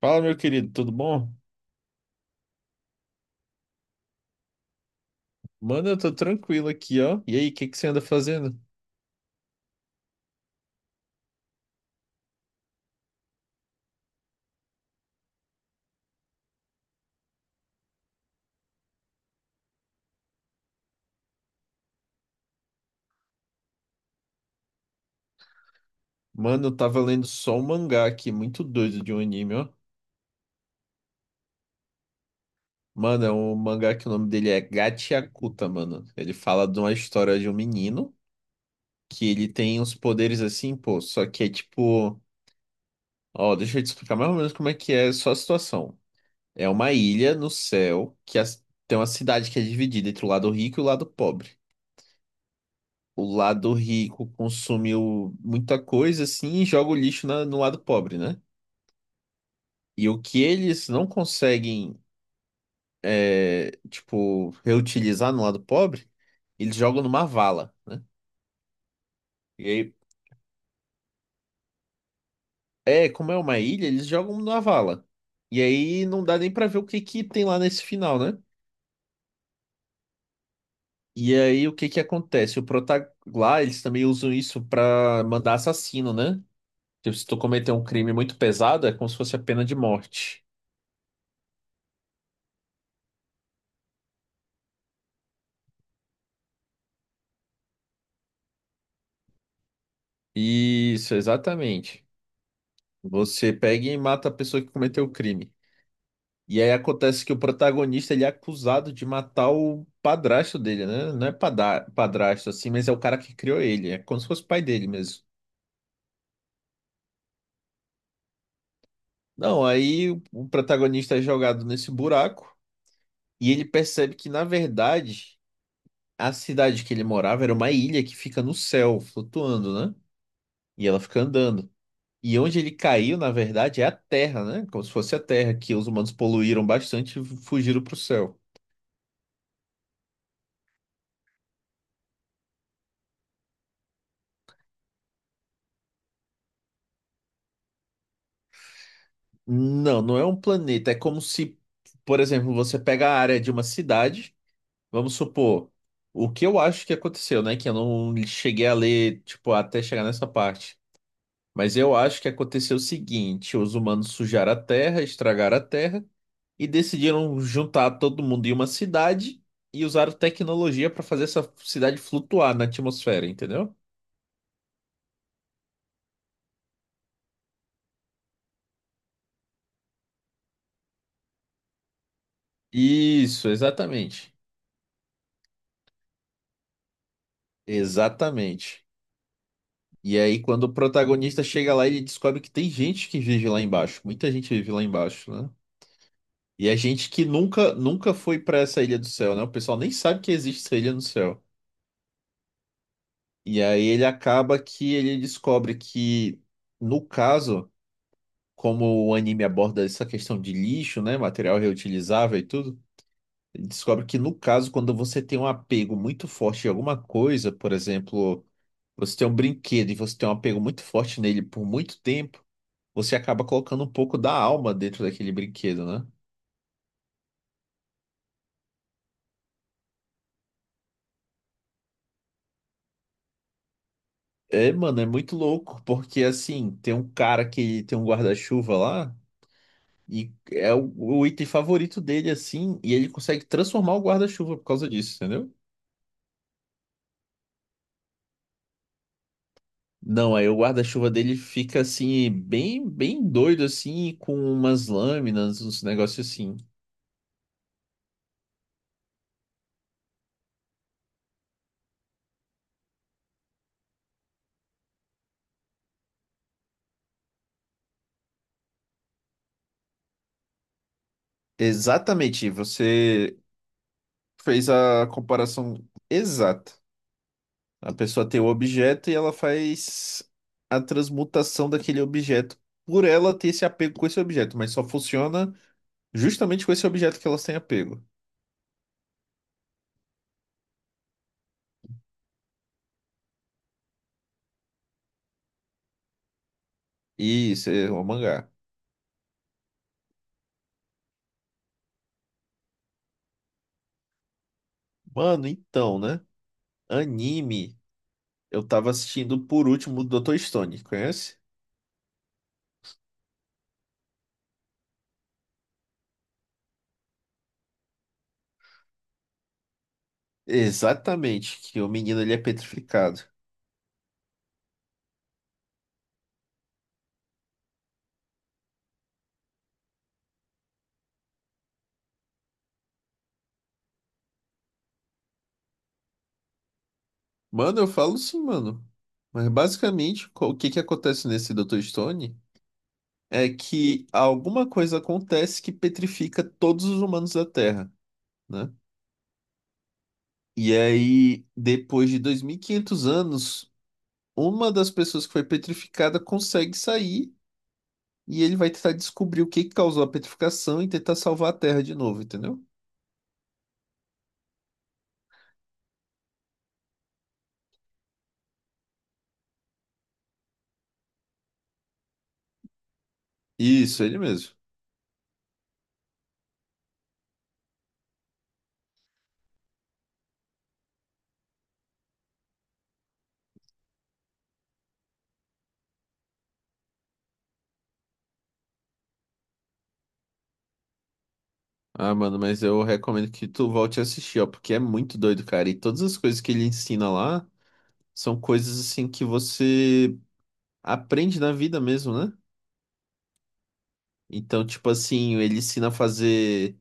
Fala, meu querido, tudo bom? Mano, eu tô tranquilo aqui, ó. E aí, o que que você anda fazendo? Mano, eu tava lendo só um mangá aqui, muito doido de um anime, ó. Mano, é um mangá que o nome dele é Gachiakuta, mano. Ele fala de uma história de um menino que ele tem uns poderes assim, pô, só que é tipo. Ó, deixa eu te explicar mais ou menos como é que é só a situação. É uma ilha no céu que tem uma cidade que é dividida entre o lado rico e o lado pobre. O lado rico consumiu muita coisa assim e joga o lixo no lado pobre, né? E o que eles não conseguem, é, tipo, reutilizar no lado pobre, eles jogam numa vala, né? E aí, é, como é uma ilha, eles jogam numa vala. E aí não dá nem pra ver o que que tem lá nesse final, né? E aí o que que acontece? O prota lá, eles também usam isso pra mandar assassino, né? Tipo, se tu cometer um crime muito pesado, é como se fosse a pena de morte. Isso, exatamente. Você pega e mata a pessoa que cometeu o crime. E aí acontece que o protagonista ele é acusado de matar o padrasto dele, né? Não é padrasto assim, mas é o cara que criou ele. É como se fosse o pai dele mesmo. Não, aí o protagonista é jogado nesse buraco e ele percebe que, na verdade, a cidade que ele morava era uma ilha que fica no céu, flutuando, né? E ela fica andando. E onde ele caiu, na verdade, é a terra, né? Como se fosse a terra que os humanos poluíram bastante e fugiram para o céu. Não, não é um planeta. É como se, por exemplo, você pega a área de uma cidade, vamos supor, o que eu acho que aconteceu, né? Que eu não cheguei a ler, tipo, até chegar nessa parte. Mas eu acho que aconteceu o seguinte: os humanos sujaram a terra, estragaram a terra e decidiram juntar todo mundo em uma cidade e usaram tecnologia para fazer essa cidade flutuar na atmosfera, entendeu? Isso, exatamente. Exatamente. E aí, quando o protagonista chega lá, ele descobre que tem gente que vive lá embaixo. Muita gente vive lá embaixo, né? E é gente que nunca, nunca foi pra essa ilha do céu, né? O pessoal nem sabe que existe essa ilha no céu. E aí ele acaba que ele descobre que, no caso, como o anime aborda essa questão de lixo, né? Material reutilizável e tudo. Ele descobre que, no caso, quando você tem um apego muito forte em alguma coisa, por exemplo, você tem um brinquedo e você tem um apego muito forte nele por muito tempo, você acaba colocando um pouco da alma dentro daquele brinquedo, né? É, mano, é muito louco, porque assim, tem um cara que tem um guarda-chuva lá e é o item favorito dele, assim, e ele consegue transformar o guarda-chuva por causa disso, entendeu? Não, aí o guarda-chuva dele fica assim, bem, bem doido, assim, com umas lâminas, uns negócios assim. Exatamente, você fez a comparação exata. A pessoa tem o objeto e ela faz a transmutação daquele objeto por ela ter esse apego com esse objeto, mas só funciona justamente com esse objeto que elas têm apego. Isso, é um mangá. Mano, então, né? Anime, eu tava assistindo por último o Dr. Stone, conhece? Exatamente, que o menino ele é petrificado. Mano, eu falo sim, mano. Mas basicamente, o que que acontece nesse Dr. Stone? É que alguma coisa acontece que petrifica todos os humanos da Terra, né? E aí, depois de 2.500 anos, uma das pessoas que foi petrificada consegue sair e ele vai tentar descobrir o que que causou a petrificação e tentar salvar a Terra de novo, entendeu? Isso, ele mesmo. Ah, mano, mas eu recomendo que tu volte a assistir, ó, porque é muito doido, cara. E todas as coisas que ele ensina lá são coisas assim que você aprende na vida mesmo, né? Então, tipo assim, ele ensina a fazer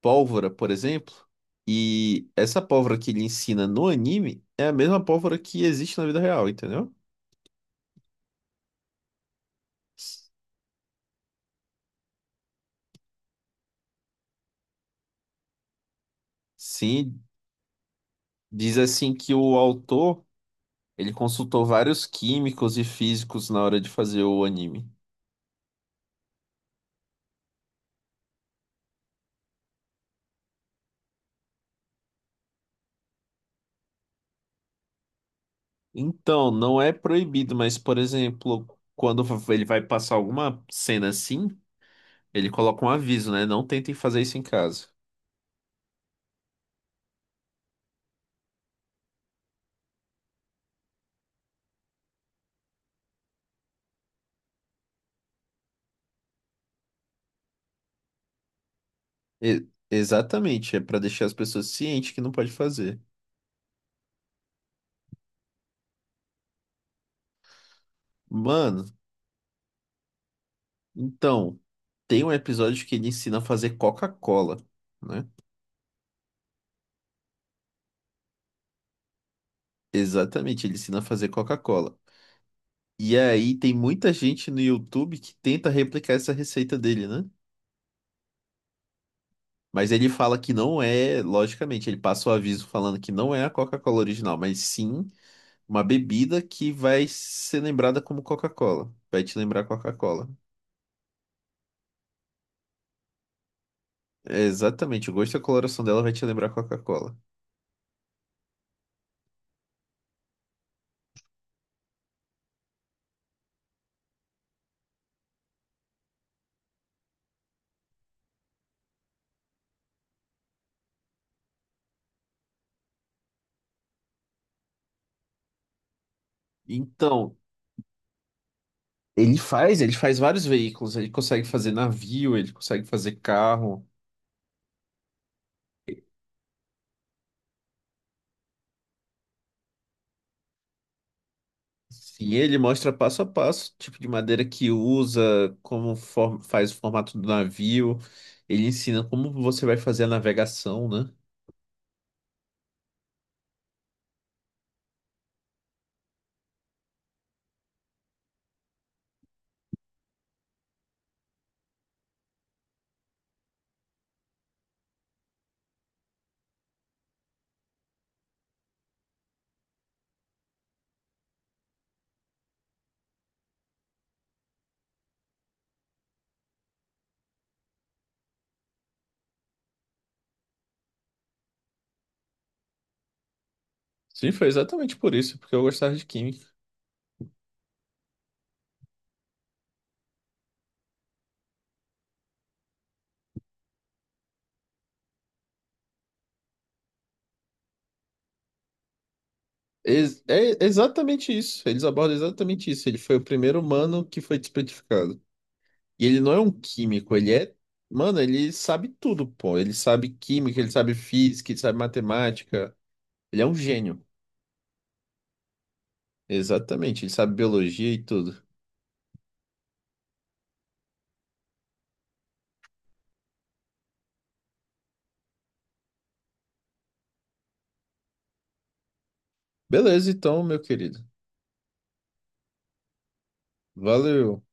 pólvora, por exemplo, e essa pólvora que ele ensina no anime é a mesma pólvora que existe na vida real, entendeu? S- Sim, diz assim que o autor, ele consultou vários químicos e físicos na hora de fazer o anime. Então, não é proibido, mas, por exemplo, quando ele vai passar alguma cena assim, ele coloca um aviso, né? Não tentem fazer isso em casa. Exatamente, é pra deixar as pessoas cientes que não pode fazer. Mano, então, tem um episódio que ele ensina a fazer Coca-Cola, né? Exatamente, ele ensina a fazer Coca-Cola. E aí tem muita gente no YouTube que tenta replicar essa receita dele, né? Mas ele fala que não é, logicamente, ele passa o aviso falando que não é a Coca-Cola original, mas sim uma bebida que vai ser lembrada como Coca-Cola. Vai te lembrar Coca-Cola. É, exatamente, o gosto e a coloração dela vai te lembrar Coca-Cola. Então, ele faz, ele faz vários veículos, ele consegue fazer navio, ele consegue fazer carro. Sim, ele mostra passo a passo o tipo de madeira que usa, como faz o formato do navio. Ele ensina como você vai fazer a navegação, né? Sim, foi exatamente por isso, porque eu gostava de química. É exatamente isso, eles abordam exatamente isso. Ele foi o primeiro humano que foi despetrificado. E ele não é um químico, ele é. Mano, ele sabe tudo, pô. Ele sabe química, ele sabe física, ele sabe matemática. Ele é um gênio. Exatamente. Ele sabe biologia e tudo. Beleza, então, meu querido. Valeu.